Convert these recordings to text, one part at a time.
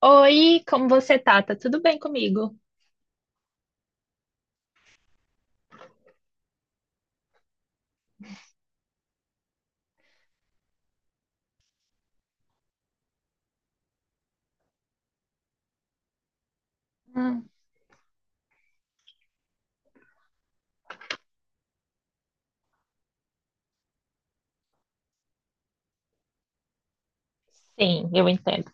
Oi, como você tá? Tá tudo bem comigo? Hum. Sim, eu entendo.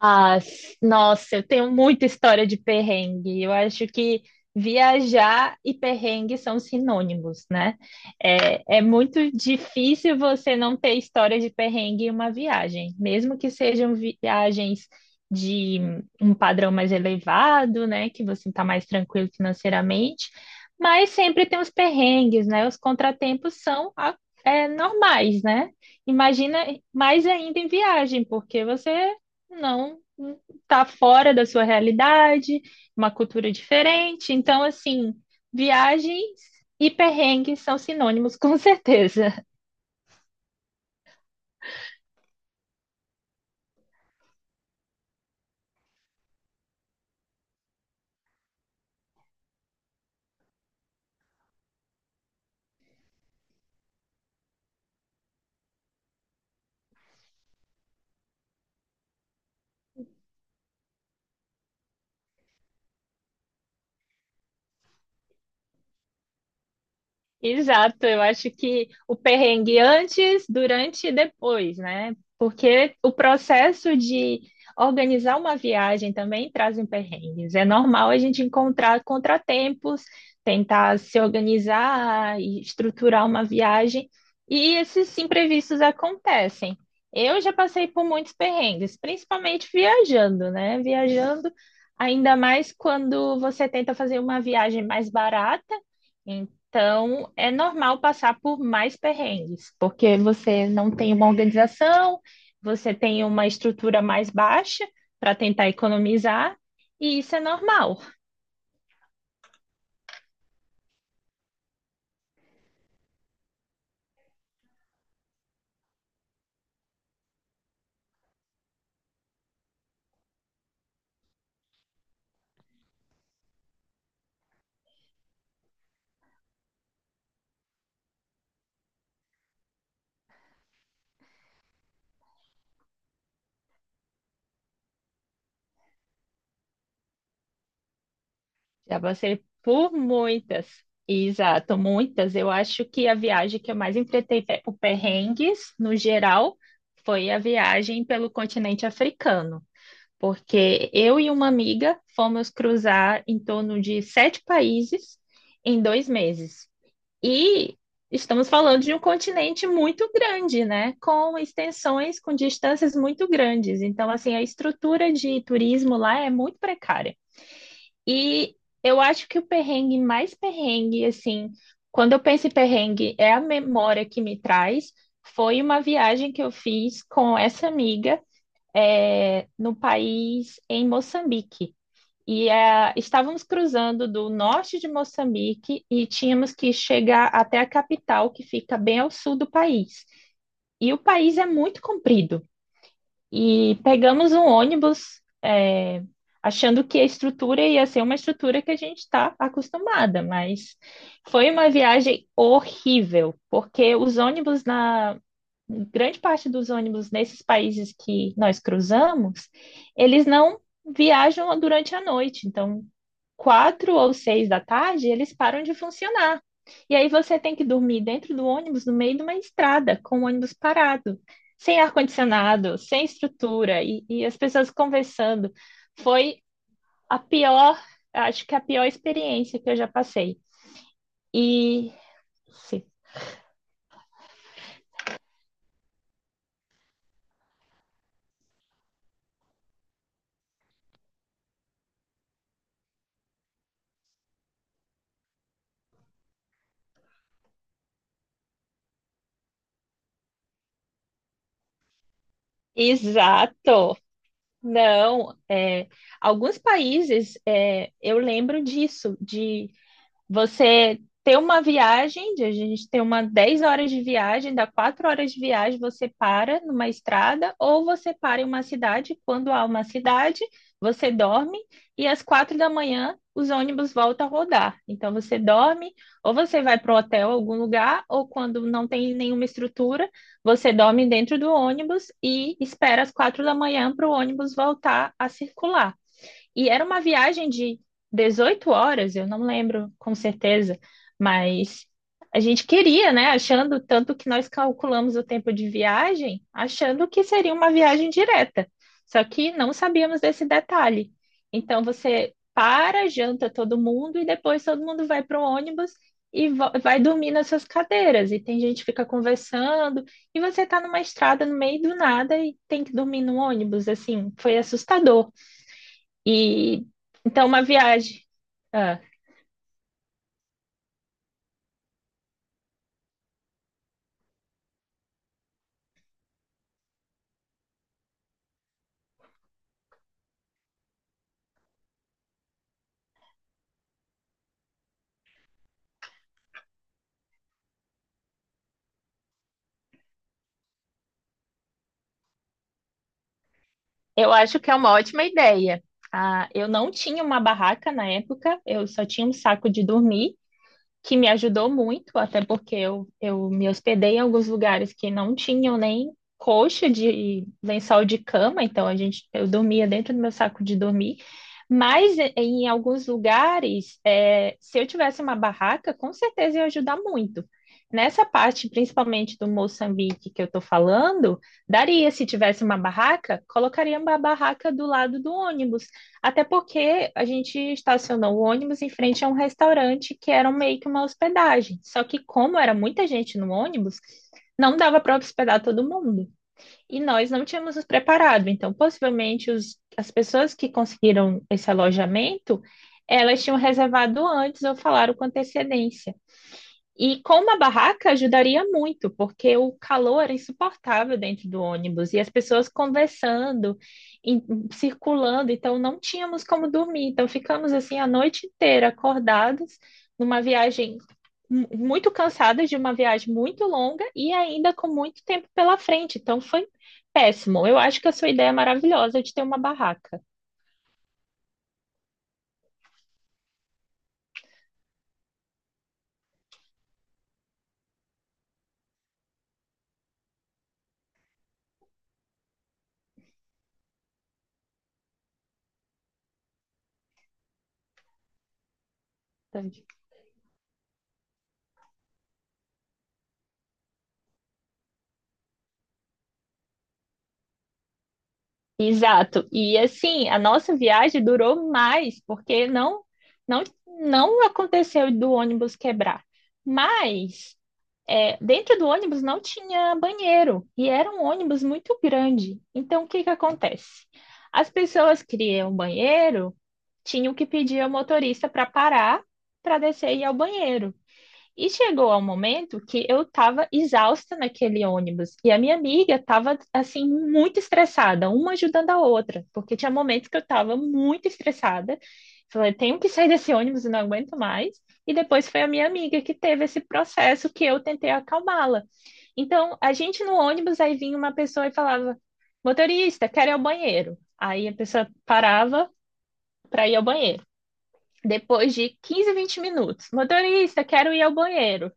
Ah, nossa, eu tenho muita história de perrengue. Eu acho que viajar e perrengue são sinônimos, né? É muito difícil você não ter história de perrengue em uma viagem, mesmo que sejam viagens de um padrão mais elevado, né? Que você está mais tranquilo financeiramente, mas sempre tem os perrengues, né? Os contratempos são normais, né? Imagina mais ainda em viagem, porque você não tá fora da sua realidade, uma cultura diferente. Então, assim, viagens e perrengues são sinônimos, com certeza. Exato, eu acho que o perrengue antes, durante e depois, né? Porque o processo de organizar uma viagem também traz um perrengues. É normal a gente encontrar contratempos, tentar se organizar e estruturar uma viagem, e esses imprevistos acontecem. Eu já passei por muitos perrengues, principalmente viajando, né? Viajando, ainda mais quando você tenta fazer uma viagem mais barata. Então, é normal passar por mais perrengues, porque você não tem uma organização, você tem uma estrutura mais baixa para tentar economizar, e isso é normal. Já passei por muitas, exato, muitas. Eu acho que a viagem que eu mais enfrentei por perrengues, no geral, foi a viagem pelo continente africano, porque eu e uma amiga fomos cruzar em torno de sete países em dois meses. E estamos falando de um continente muito grande, né? Com extensões, com distâncias muito grandes. Então, assim, a estrutura de turismo lá é muito precária. E eu acho que o perrengue mais perrengue, assim, quando eu penso em perrengue, é a memória que me traz. Foi uma viagem que eu fiz com essa amiga, no país, em Moçambique. E estávamos cruzando do norte de Moçambique e tínhamos que chegar até a capital, que fica bem ao sul do país. E o país é muito comprido. E pegamos um ônibus, achando que a estrutura ia ser uma estrutura que a gente está acostumada, mas foi uma viagem horrível, porque os ônibus grande parte dos ônibus nesses países que nós cruzamos, eles não viajam durante a noite. Então, quatro ou seis da tarde, eles param de funcionar. E aí você tem que dormir dentro do ônibus, no meio de uma estrada, com o ônibus parado, sem ar-condicionado, sem estrutura, e as pessoas conversando. Foi a pior, acho que a pior experiência que eu já passei. E, sim, exato. Não, alguns países eu lembro disso, de você ter uma viagem, de a gente ter uma 10 horas de viagem, dá 4 horas de viagem, você para numa estrada, ou você para em uma cidade, quando há uma cidade, você dorme, e às 4 da manhã os ônibus voltam a rodar. Então você dorme, ou você vai para o hotel, algum lugar, ou quando não tem nenhuma estrutura, você dorme dentro do ônibus e espera às 4 da manhã para o ônibus voltar a circular. E era uma viagem de 18 horas, eu não lembro com certeza, mas a gente queria, né? Achando tanto que nós calculamos o tempo de viagem, achando que seria uma viagem direta. Só que não sabíamos desse detalhe. Então você para, janta todo mundo e depois todo mundo vai para o ônibus e vai dormir nas suas cadeiras. E tem gente que fica conversando e você está numa estrada no meio do nada e tem que dormir no ônibus. Assim, foi assustador. E então uma viagem. Ah, eu acho que é uma ótima ideia. Ah, eu não tinha uma barraca na época, eu só tinha um saco de dormir, que me ajudou muito, até porque eu me hospedei em alguns lugares que não tinham nem coxa de lençol de cama, então a gente, eu dormia dentro do meu saco de dormir. Mas em alguns lugares, se eu tivesse uma barraca, com certeza ia ajudar muito. Nessa parte, principalmente do Moçambique que eu estou falando, daria se tivesse uma barraca, colocaria uma barraca do lado do ônibus, até porque a gente estacionou o ônibus em frente a um restaurante que era meio que uma hospedagem. Só que, como era muita gente no ônibus, não dava para hospedar todo mundo. E nós não tínhamos nos preparado. Então, possivelmente, as pessoas que conseguiram esse alojamento, elas tinham reservado antes ou falaram com antecedência. E com uma barraca ajudaria muito, porque o calor era insuportável dentro do ônibus e as pessoas conversando, em- circulando, então não tínhamos como dormir. Então ficamos assim a noite inteira acordados numa viagem muito cansadas de uma viagem muito longa e ainda com muito tempo pela frente. Então foi péssimo. Eu acho que a sua ideia é maravilhosa de ter uma barraca. Exato. E assim, a nossa viagem durou mais, porque não não aconteceu do ônibus quebrar. Mas dentro do ônibus não tinha banheiro e era um ônibus muito grande. Então, o que que acontece? As pessoas criam banheiro, tinham que pedir ao motorista para parar para descer e ir ao banheiro. E chegou ao momento que eu estava exausta naquele ônibus e a minha amiga estava assim muito estressada, uma ajudando a outra, porque tinha momentos que eu estava muito estressada. Falei, tenho que sair desse ônibus, eu não aguento mais. E depois foi a minha amiga que teve esse processo que eu tentei acalmá-la. Então, a gente no ônibus, aí vinha uma pessoa e falava: motorista, quero ir ao banheiro. Aí a pessoa parava para ir ao banheiro. Depois de 15, 20 minutos, motorista, quero ir ao banheiro.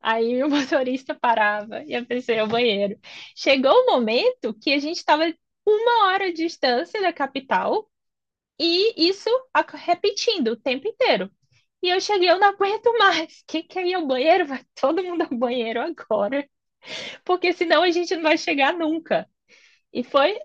Aí o motorista parava e a pessoa ia ao banheiro. Chegou o momento que a gente estava uma hora de distância da capital e isso repetindo o tempo inteiro. E eu cheguei, eu não aguento mais. Quem quer ir ao banheiro? Vai todo mundo ao banheiro agora, porque senão a gente não vai chegar nunca. E foi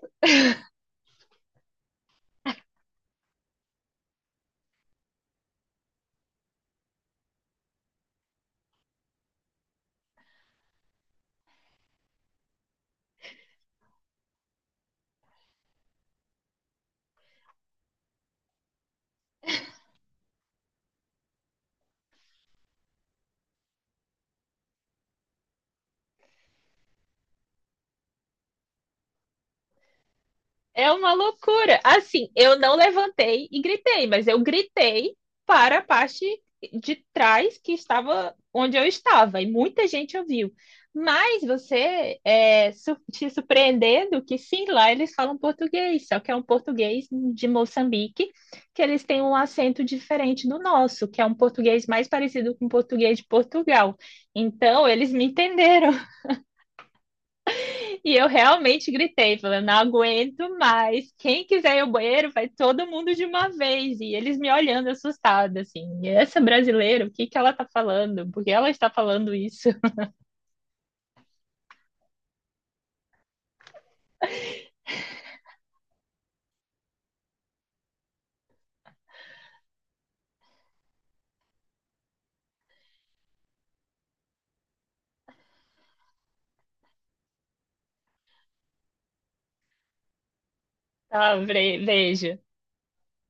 É uma loucura. Assim, eu não levantei e gritei, mas eu gritei para a parte de trás que estava onde eu estava, e muita gente ouviu. Mas você te surpreendendo que sim, lá eles falam português, só que é um português de Moçambique, que eles têm um acento diferente do nosso, que é um português mais parecido com o português de Portugal. Então, eles me entenderam. E eu realmente gritei, falando, não aguento mais. Quem quiser ir ao banheiro, vai todo mundo de uma vez. E eles me olhando assustada, assim. Essa brasileira, o que que ela tá falando? Por que ela está falando isso? Ah, veja.